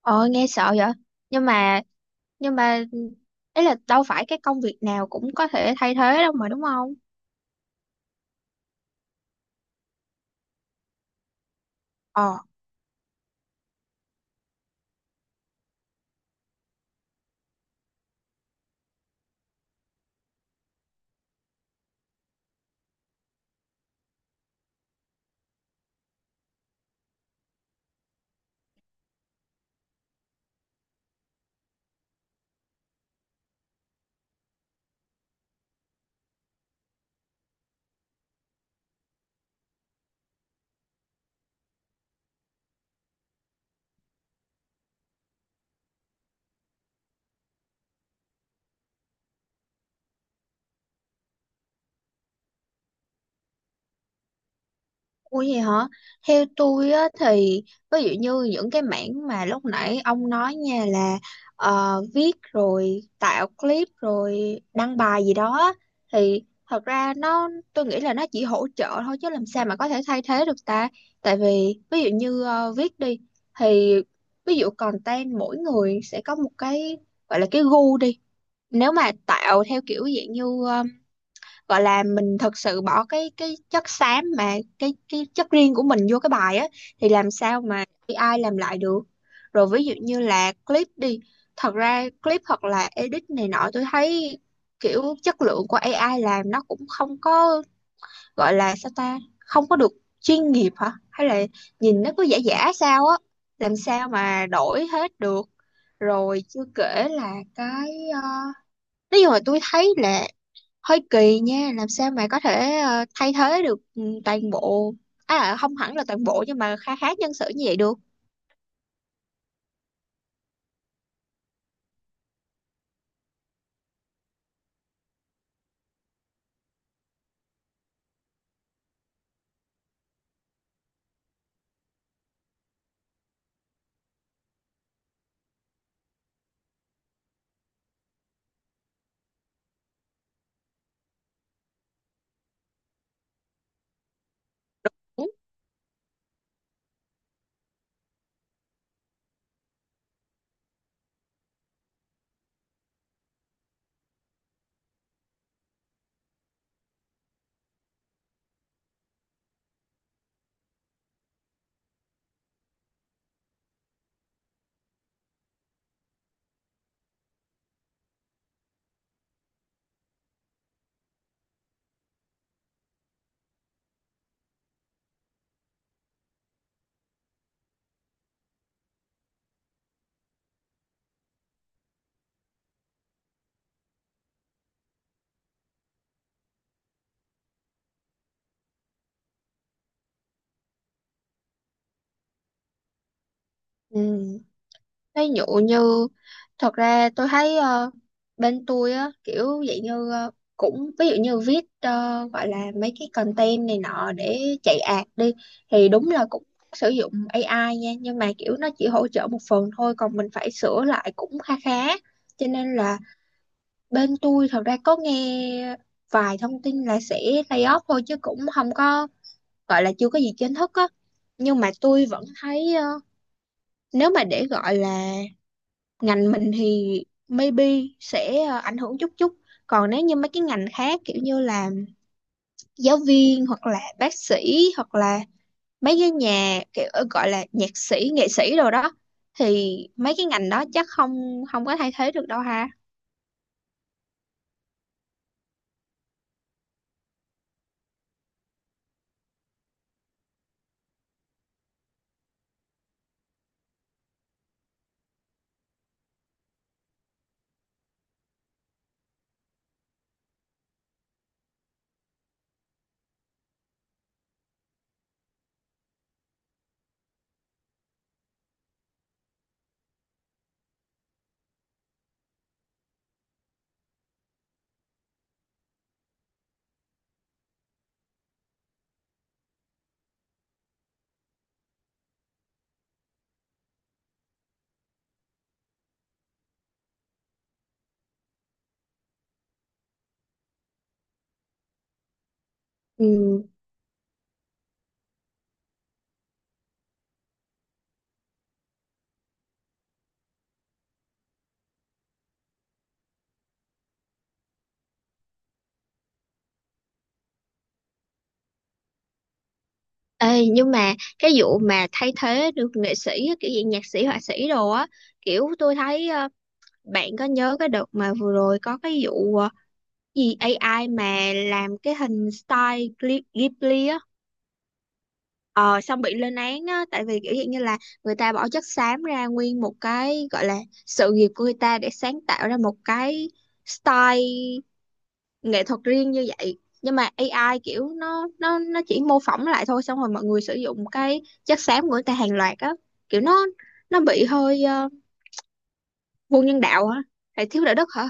Ờ, nghe sợ vậy. Nhưng mà nhưng mà ấy là đâu phải cái công việc nào cũng có thể thay thế đâu mà, đúng không? Ờ. Ủa vậy hả? Theo tôi á, thì ví dụ như những cái mảng mà lúc nãy ông nói nha là viết rồi tạo clip rồi đăng bài gì đó á, thì thật ra nó tôi nghĩ là nó chỉ hỗ trợ thôi, chứ làm sao mà có thể thay thế được ta. Tại vì ví dụ như viết đi, thì ví dụ content mỗi người sẽ có một cái gọi là cái gu đi. Nếu mà tạo theo kiểu dạng như gọi là mình thật sự bỏ cái chất xám mà cái chất riêng của mình vô cái bài á, thì làm sao mà AI làm lại được. Rồi ví dụ như là clip đi, thật ra clip hoặc là edit này nọ tôi thấy kiểu chất lượng của AI làm nó cũng không có gọi là, sao ta, không có được chuyên nghiệp hả, hay là nhìn nó cứ giả giả sao á, làm sao mà đổi hết được. Rồi chưa kể là cái ờ, nói chung là tôi thấy là hơi kỳ nha, làm sao mà có thể thay thế được toàn bộ. Không hẳn là toàn bộ nhưng mà khá khá nhân sự như vậy được. Ừ. Ừ. Ví dụ như thật ra tôi thấy bên tôi á, kiểu vậy như cũng ví dụ như viết, gọi là mấy cái content này nọ để chạy ad đi, thì đúng là cũng sử dụng AI nha, nhưng mà kiểu nó chỉ hỗ trợ một phần thôi, còn mình phải sửa lại cũng khá khá. Cho nên là bên tôi thật ra có nghe vài thông tin là sẽ lay off thôi, chứ cũng không có, gọi là chưa có gì chính thức á. Nhưng mà tôi vẫn thấy nếu mà để gọi là ngành mình thì maybe sẽ ảnh hưởng chút chút. Còn nếu như mấy cái ngành khác kiểu như là giáo viên, hoặc là bác sĩ, hoặc là mấy cái nhà kiểu gọi là nhạc sĩ nghệ sĩ rồi đó, thì mấy cái ngành đó chắc không không có thay thế được đâu ha. Ừ. Ê, nhưng mà cái vụ mà thay thế được nghệ sĩ á, kiểu gì nhạc sĩ họa sĩ đồ á, kiểu tôi thấy bạn có nhớ cái đợt mà vừa rồi có cái vụ gì AI mà làm cái hình style Ghibli á? Ờ, xong bị lên án á, tại vì kiểu dạng như là người ta bỏ chất xám ra nguyên một cái gọi là sự nghiệp của người ta để sáng tạo ra một cái style nghệ thuật riêng như vậy, nhưng mà AI kiểu nó chỉ mô phỏng lại thôi, xong rồi mọi người sử dụng cái chất xám của người ta hàng loạt á. Kiểu nó bị hơi vô nhân đạo á, lại thiếu đạo đức hả.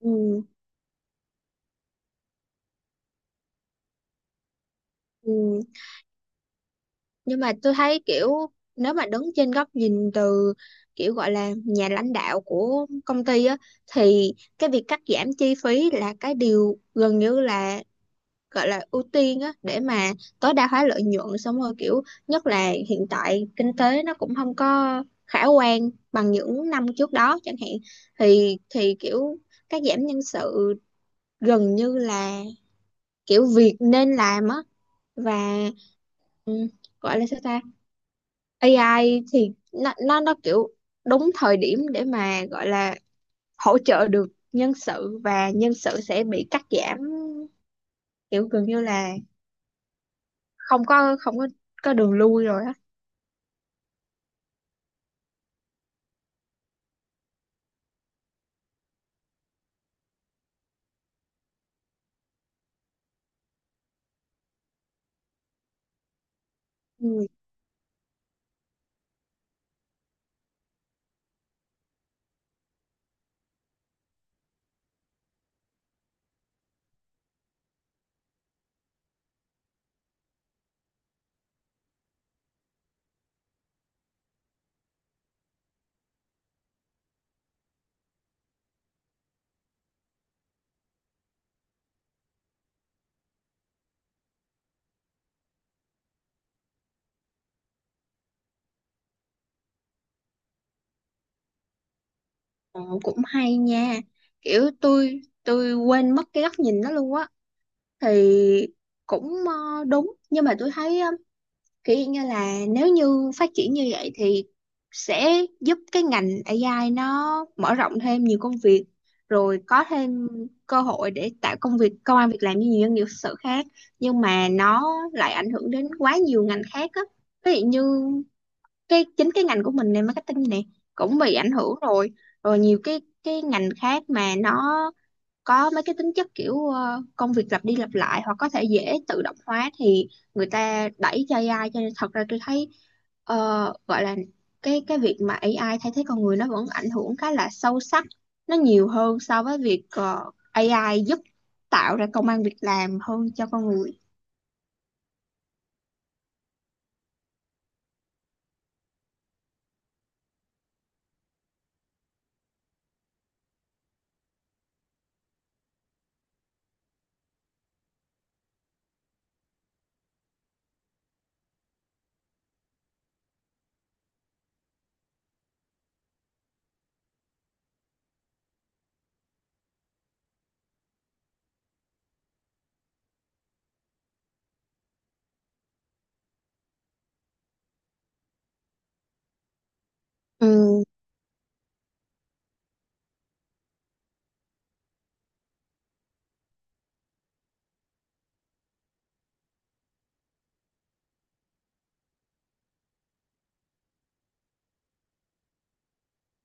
Ừ. Ừ. Nhưng mà tôi thấy kiểu nếu mà đứng trên góc nhìn từ kiểu gọi là nhà lãnh đạo của công ty á, thì cái việc cắt giảm chi phí là cái điều gần như là gọi là ưu tiên á, để mà tối đa hóa lợi nhuận, xong rồi kiểu nhất là hiện tại kinh tế nó cũng không có khả quan bằng những năm trước đó chẳng hạn, thì kiểu cắt giảm nhân sự gần như là kiểu việc nên làm á. Và ừ, gọi là sao ta, AI thì nó kiểu đúng thời điểm để mà gọi là hỗ trợ được nhân sự, và nhân sự sẽ bị cắt giảm kiểu gần như là không có có đường lui rồi á. Ui, ờ, cũng hay nha, kiểu tôi quên mất cái góc nhìn đó luôn á. Thì cũng đúng, nhưng mà tôi thấy kiểu như là nếu như phát triển như vậy thì sẽ giúp cái ngành AI nó mở rộng thêm nhiều công việc, rồi có thêm cơ hội để tạo công việc công ăn việc làm như nhiều doanh nghiệp thực sự khác. Nhưng mà nó lại ảnh hưởng đến quá nhiều ngành khác á. Ví dụ như cái chính cái ngành của mình này, marketing này, cũng bị ảnh hưởng rồi. Rồi nhiều cái ngành khác mà nó có mấy cái tính chất kiểu công việc lặp đi lặp lại hoặc có thể dễ tự động hóa, thì người ta đẩy cho AI. Cho nên thật ra tôi thấy ờ, gọi là cái việc mà AI thay thế con người nó vẫn ảnh hưởng khá là sâu sắc, nó nhiều hơn so với việc AI giúp tạo ra công ăn việc làm hơn cho con người. Ừ,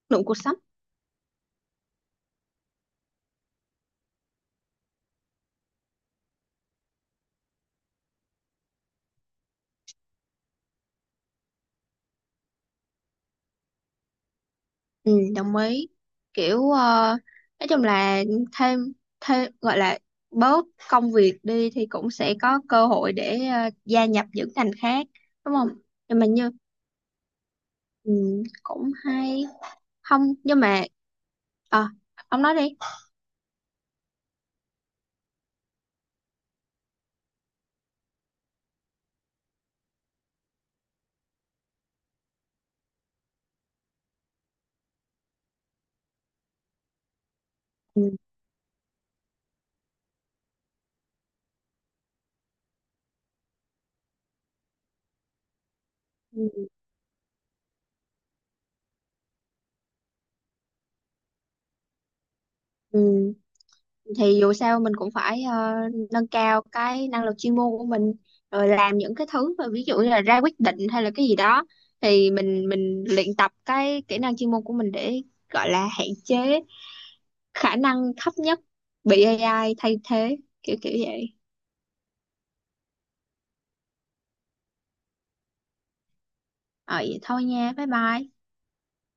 lượng cuộc sống. Ừ, đồng ý. Kiểu nói chung là thêm thêm, gọi là bớt công việc đi thì cũng sẽ có cơ hội để gia nhập những ngành khác, đúng không? Nhưng mà như ừ, cũng hay, không nhưng mà ờ ông nói đi. Ừ, ừ, ừ. Thì dù sao mình cũng phải nâng cao cái năng lực chuyên môn của mình, rồi làm những cái thứ mà ví dụ như là ra quyết định hay là cái gì đó, thì mình luyện tập cái kỹ năng chuyên môn của mình để gọi là hạn chế khả năng thấp nhất bị AI thay thế, kiểu kiểu vậy. Ờ, vậy thôi nha, bye bye.